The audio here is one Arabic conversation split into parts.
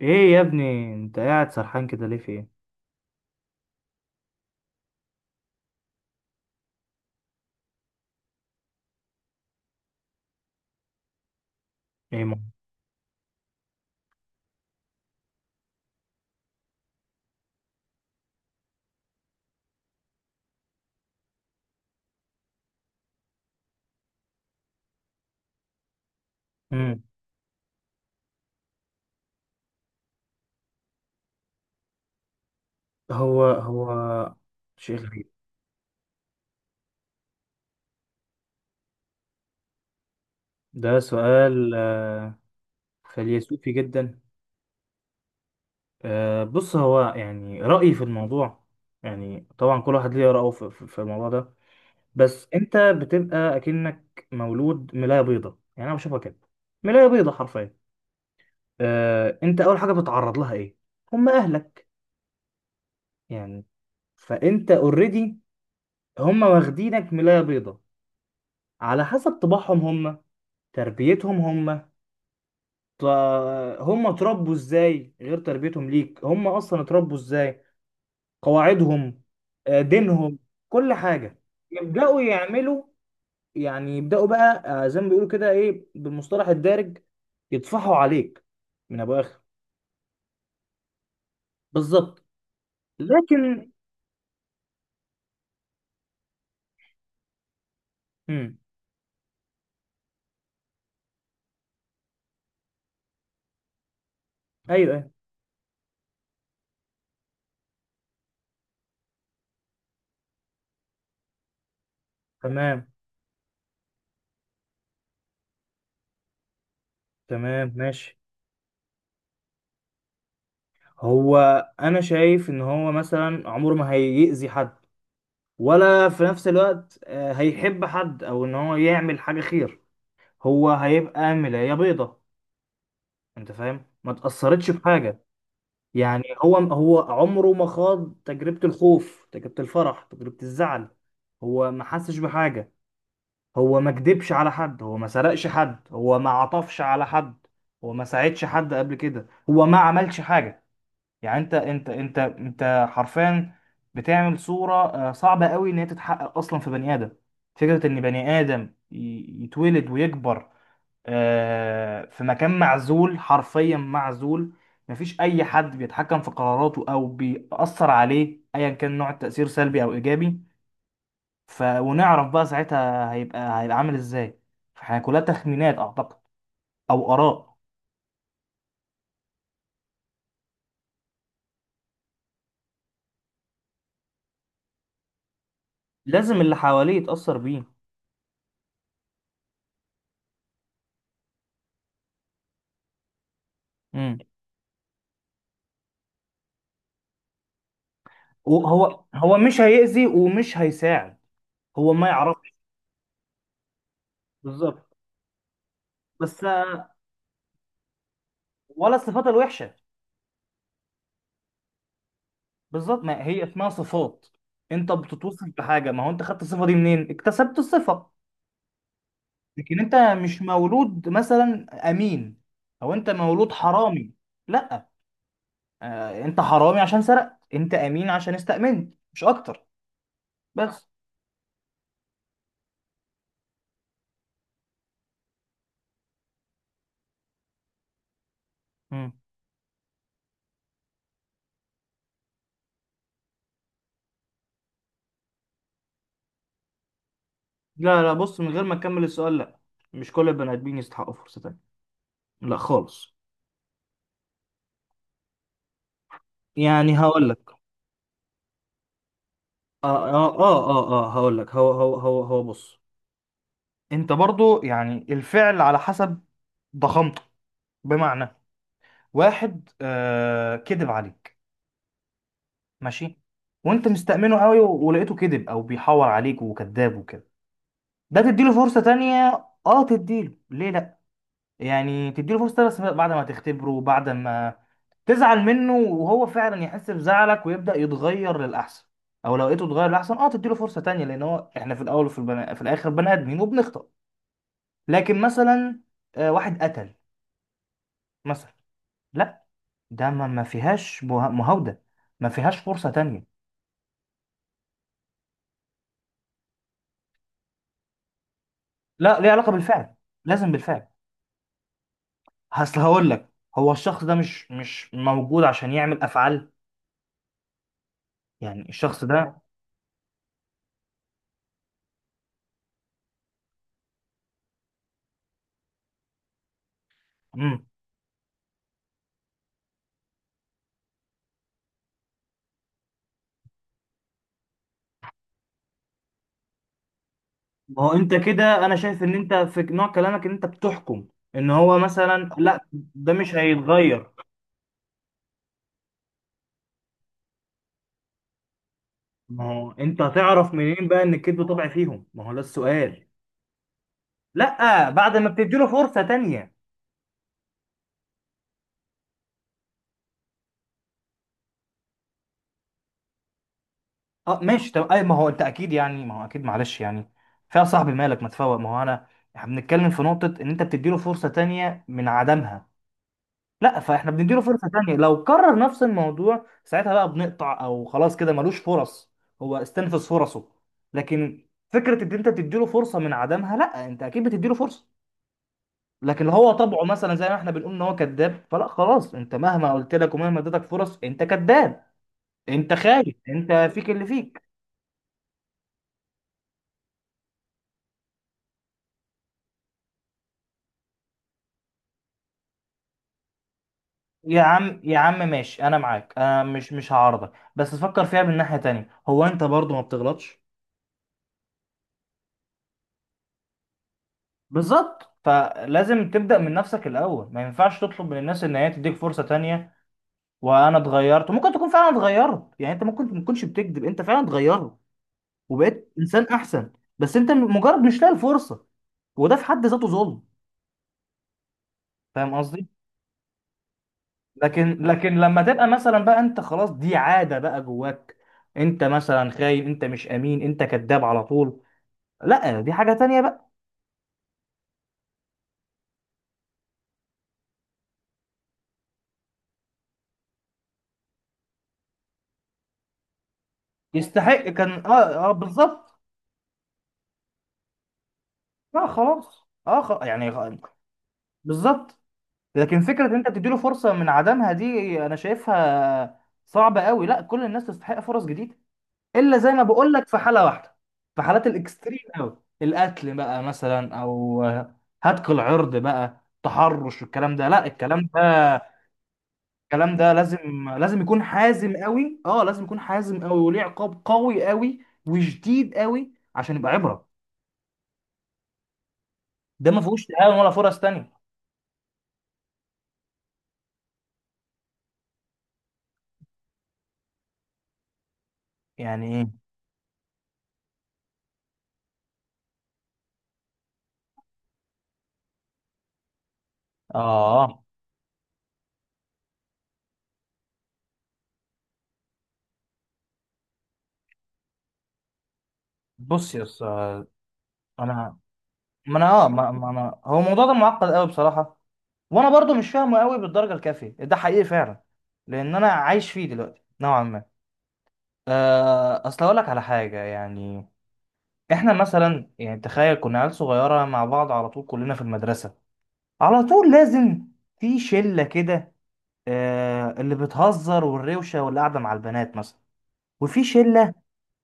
ايه يا ابني، انت قاعد سرحان كده ليه؟ في ايه؟ ايه مو- مم. هو هو شيء غريب. ده سؤال فيلسوفي جدا. بص، هو يعني رأيي في الموضوع، يعني طبعا كل واحد ليه رأيه في الموضوع ده. بس انت بتبقى اكنك مولود ملاية بيضة، يعني انا بشوفها كده. ملاية بيضة حرفيا. انت اول حاجة بتتعرض لها ايه؟ هم اهلك، يعني. فانت اوريدي، هم واخدينك ملاية بيضة، على حسب طباعهم هم، تربيتهم هم. ط- هم اتربوا ازاي؟ غير تربيتهم ليك، هم اصلا اتربوا ازاي، قواعدهم، دينهم، كل حاجة. يبدأوا يعملوا، يعني يبدأوا بقى زي ما بيقولوا كده ايه بالمصطلح الدارج، يطفحوا عليك من ابو اخر. بالظبط. لكن امم ايوه، أيوة. تمام. تمام ماشي. هو انا شايف ان هو مثلا عمره ما هيأذي حد، ولا في نفس الوقت هيحب حد او ان هو يعمل حاجه خير. هو هيبقى ملايه بيضه، انت فاهم؟ ما تاثرتش بحاجه، يعني هو هو عمره ما خاض تجربه الخوف، تجربه الفرح، تجربه الزعل. هو ما حسش بحاجه. هو ما كدبش على حد، هو ما سرقش حد، هو ما عطفش على حد، هو ما ساعدش حد قبل كده، هو ما عملش حاجه. يعني انت حرفيا بتعمل صورة صعبة قوي ان هي تتحقق اصلا في بني ادم. فكرة ان بني ادم يتولد ويكبر في مكان معزول، حرفيا معزول. مفيش اي حد بيتحكم في قراراته او بيأثر عليه، ايا كان نوع التأثير، سلبي او ايجابي. ونعرف بقى ساعتها هيبقى عامل ازاي. فاحنا كلها تخمينات اعتقد، او اراء. لازم اللي حواليه يتأثر بيه. هو هو مش هيأذي ومش هيساعد، هو ما يعرفش. بالظبط. بس ولا الصفات الوحشة. بالظبط، ما هي اسمها صفات. انت بتتوصف بحاجة، ما هو انت خدت الصفة دي منين؟ اكتسبت الصفة. لكن انت مش مولود مثلا امين، او انت مولود حرامي. لا. انت حرامي عشان سرقت، انت امين عشان استأمنت، مش اكتر. بس. مم. لا، لا، بص، من غير ما اكمل السؤال، لا، مش كل البني ادمين يستحقوا فرصة تانية، لا خالص. يعني هقول لك. اه هقول لك. هو بص، انت برضو يعني الفعل على حسب ضخامته. بمعنى، واحد كذب عليك، ماشي، وانت مستأمنه قوي، ولقيته كذب او بيحور عليك وكذاب وكده، ده تديله فرصة تانية؟ اه تديله، ليه لا. يعني تديله فرصة بس بعد ما تختبره وبعد ما تزعل منه وهو فعلا يحس بزعلك ويبدأ يتغير للأحسن، أو لو لقيته اتغير للأحسن اه تديله فرصة تانية، لأن هو احنا في الأول وفي في الآخر بني آدمين وبنخطأ. لكن مثلا واحد قتل مثلا، لا، ده ما فيهاش مهاودة، ما فيهاش فرصة تانية. لا، ليه علاقة بالفعل، لازم بالفعل. أصل هقول لك، هو الشخص ده مش موجود عشان يعمل أفعال، يعني الشخص ده. مم. ما هو انت كده، انا شايف ان انت في نوع كلامك ان انت بتحكم ان هو مثلا لا، ده مش هيتغير. ما هو انت هتعرف منين بقى ان الكذب طبع فيهم؟ ما هو ده السؤال. لا بعد ما بتديله فرصة تانية. اه ماشي، طب اي، ما هو انت اكيد يعني، ما هو اكيد معلش يعني فيها صاحبي مالك ما تفوق، ما هو انا احنا بنتكلم في نقطة ان انت بتديله فرصة تانية من عدمها، لا فاحنا بنديله فرصة تانية، لو كرر نفس الموضوع ساعتها بقى بنقطع، او خلاص كده ملوش فرص، هو استنفذ فرصه. لكن فكرة ان انت تديله فرصة من عدمها، لا انت اكيد بتديله فرصة، لكن لو هو طبعه مثلا زي ما احنا بنقول ان هو كذاب، فلا خلاص، انت مهما قلت لك ومهما اديتك فرص انت كذاب، انت خايف، انت فيك اللي فيك. يا عم، يا عم، ماشي، انا معاك، انا مش هعارضك، بس فكر فيها من ناحية تانية، هو انت برضه ما بتغلطش؟ بالظبط، فلازم تبدأ من نفسك الأول، ما ينفعش تطلب من الناس إن هي تديك فرصة تانية وأنا اتغيرت. ممكن تكون فعلا اتغيرت، يعني أنت ممكن ما تكونش بتكذب، أنت فعلا اتغيرت وبقيت إنسان أحسن، بس أنت مجرد مش لاقي الفرصة، وده في حد ذاته ظلم، فاهم قصدي؟ لكن لما تبقى مثلا بقى أنت خلاص دي عادة بقى جواك، أنت مثلا خاين، أنت مش أمين، أنت كذاب على طول، لا دي حاجة تانية بقى. يستحق كان، بالظبط. لا خلاص، اه خلاص يعني بالظبط. لكن فكرة ان انت تديله فرصة من عدمها دي انا شايفها صعبة قوي، لا كل الناس تستحق فرص جديدة، الا زي ما بقول لك في حالة واحدة، في حالات الاكستريم قوي، القتل بقى مثلا، او هتك العرض بقى، تحرش، والكلام ده، لا الكلام ده، الكلام ده لازم لازم يكون حازم قوي، اه لازم يكون حازم قوي وليه عقاب قوي قوي وشديد قوي عشان يبقى عبرة. ده ما فيهوش تهاون ولا فرص تانية. يعني ايه؟ اه بص يا اسطى، انا ما انا اه ما ما انا هو الموضوع ده معقد قوي بصراحه، وانا برضو مش فاهمه قوي بالدرجه الكافيه، ده حقيقي فعلا، لان انا عايش فيه دلوقتي نوعا ما. اصل اقول لك على حاجه، يعني احنا مثلا يعني تخيل كنا عيال صغيره مع بعض على طول كلنا في المدرسه، على طول لازم في شله كده اللي بتهزر والروشه واللي قاعده مع البنات مثلا، وفي شله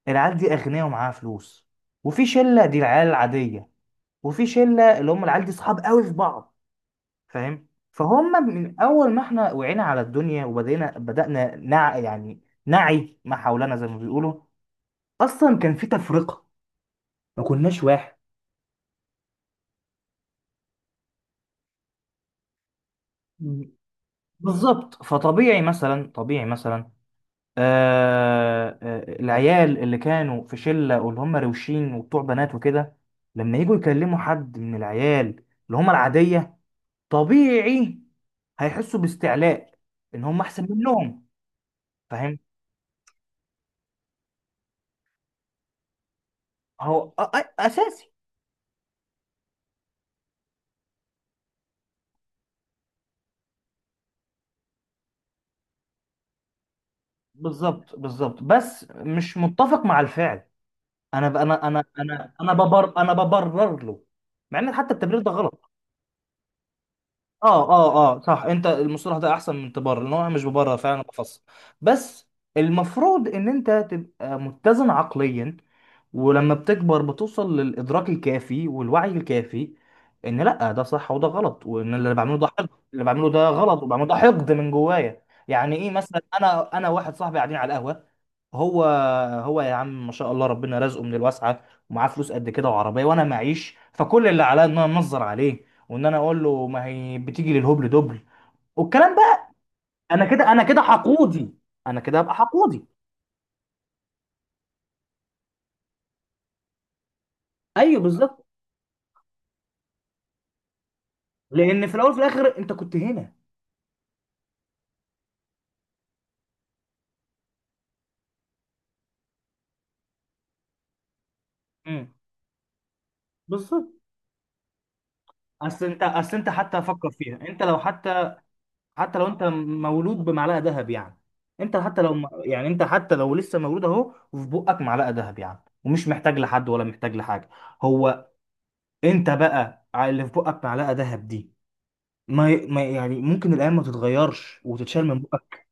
العيال دي اغنياء ومعاها فلوس، وفي شله دي العيال العاديه، وفي شله اللي هم العيال دي صحاب قوي في بعض. فاهم؟ فهم من اول ما احنا وعينا على الدنيا وبدينا بدأنا نع يعني نعي ما حولنا زي ما بيقولوا، اصلا كان في تفرقة، ما كناش واحد. مم. بالظبط، فطبيعي مثلا، طبيعي مثلا العيال اللي كانوا في شلة واللي هم روشين وبتوع بنات وكده، لما يجوا يكلموا حد من العيال اللي هم العادية، طبيعي هيحسوا باستعلاء ان هم احسن منهم، فاهم. هو اساسي. بالظبط، بالظبط، بس مش متفق مع الفعل. انا ب... انا انا انا انا ببر انا ببرر له، مع ان حتى التبرير ده غلط. اه صح، انت المصطلح ده احسن من تبرر، لان هو مش ببرر فعلا، أنا بفسر. بس المفروض ان انت تبقى متزن عقليا، ولما بتكبر بتوصل للإدراك الكافي والوعي الكافي إن لأ، ده صح وده غلط، وإن اللي بعمله ده حقد، اللي بعمله ده غلط، وبعمله ده حقد من جوايا. يعني إيه، مثلا أنا واحد صاحبي قاعدين على القهوة، هو هو يا عم ما شاء الله ربنا رزقه من الواسعه، ومعاه فلوس قد كده وعربيه وانا معيش، فكل اللي عليا ان انا انظر عليه وان انا اقول له ما هي بتيجي للهبل دبل، والكلام بقى. انا كده، انا كده حقودي، انا كده هبقى حقودي. ايوه بالظبط، لان في الاول وفي الاخر انت كنت هنا. امم بالظبط. اصل انت، حتى فكر فيها، انت لو حتى، حتى لو انت مولود بمعلقه ذهب يعني، انت حتى لو يعني انت حتى لو لسه مولود اهو وفي بقك معلقه ذهب يعني، ومش محتاج لحد ولا محتاج لحاجه، هو انت بقى اللي في بقك معلقه ذهب دي، ما يعني ممكن الايام ما تتغيرش وتتشال من بقك.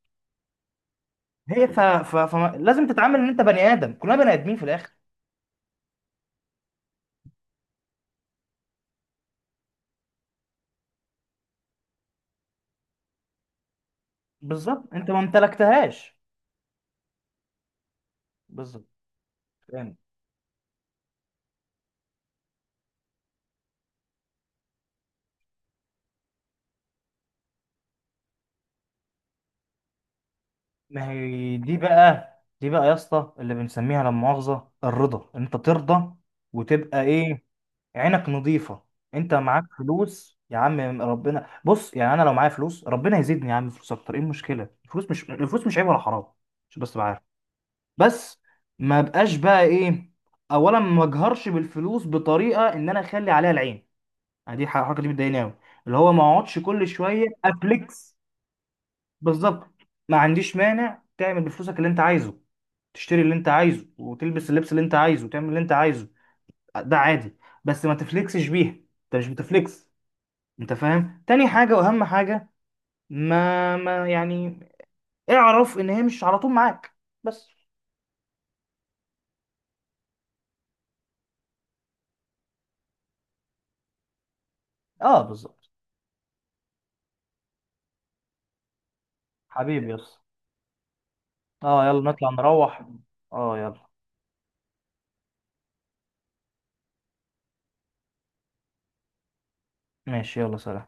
فلازم تتعامل ان انت بني ادم، كلنا بني ادمين في الاخر. بالظبط، انت ما امتلكتهاش. بالظبط، يعني ما هي دي بقى. دي بقى يا اسطى اللي بنسميها لا مؤاخذه الرضا، ان انت ترضى وتبقى ايه؟ عينك نظيفه. انت معاك فلوس يا عم، ربنا، بص يعني انا لو معايا فلوس ربنا يزيدني يا عم فلوس اكتر، ايه المشكله؟ الفلوس مش عيب ولا حرام. مش، بس، بس ما بقاش بقى ايه، اولا ما اجهرش بالفلوس بطريقه ان انا اخلي عليها العين، يعني دي الحركه دي بتضايقني قوي، اللي هو ما اقعدش كل شويه افليكس. بالظبط، ما عنديش مانع تعمل بفلوسك اللي انت عايزه، تشتري اللي انت عايزه وتلبس اللبس اللي انت عايزه وتعمل اللي انت عايزه، ده عادي، بس ما تفليكسش بيها. انت مش بتفليكس، انت فاهم؟ تاني حاجه واهم حاجه، ما يعني اعرف ان هي مش على طول معاك، بس. اه بالظبط، حبيبي يس. اه يلا نطلع نروح. اه يلا. ماشي يلا سلام.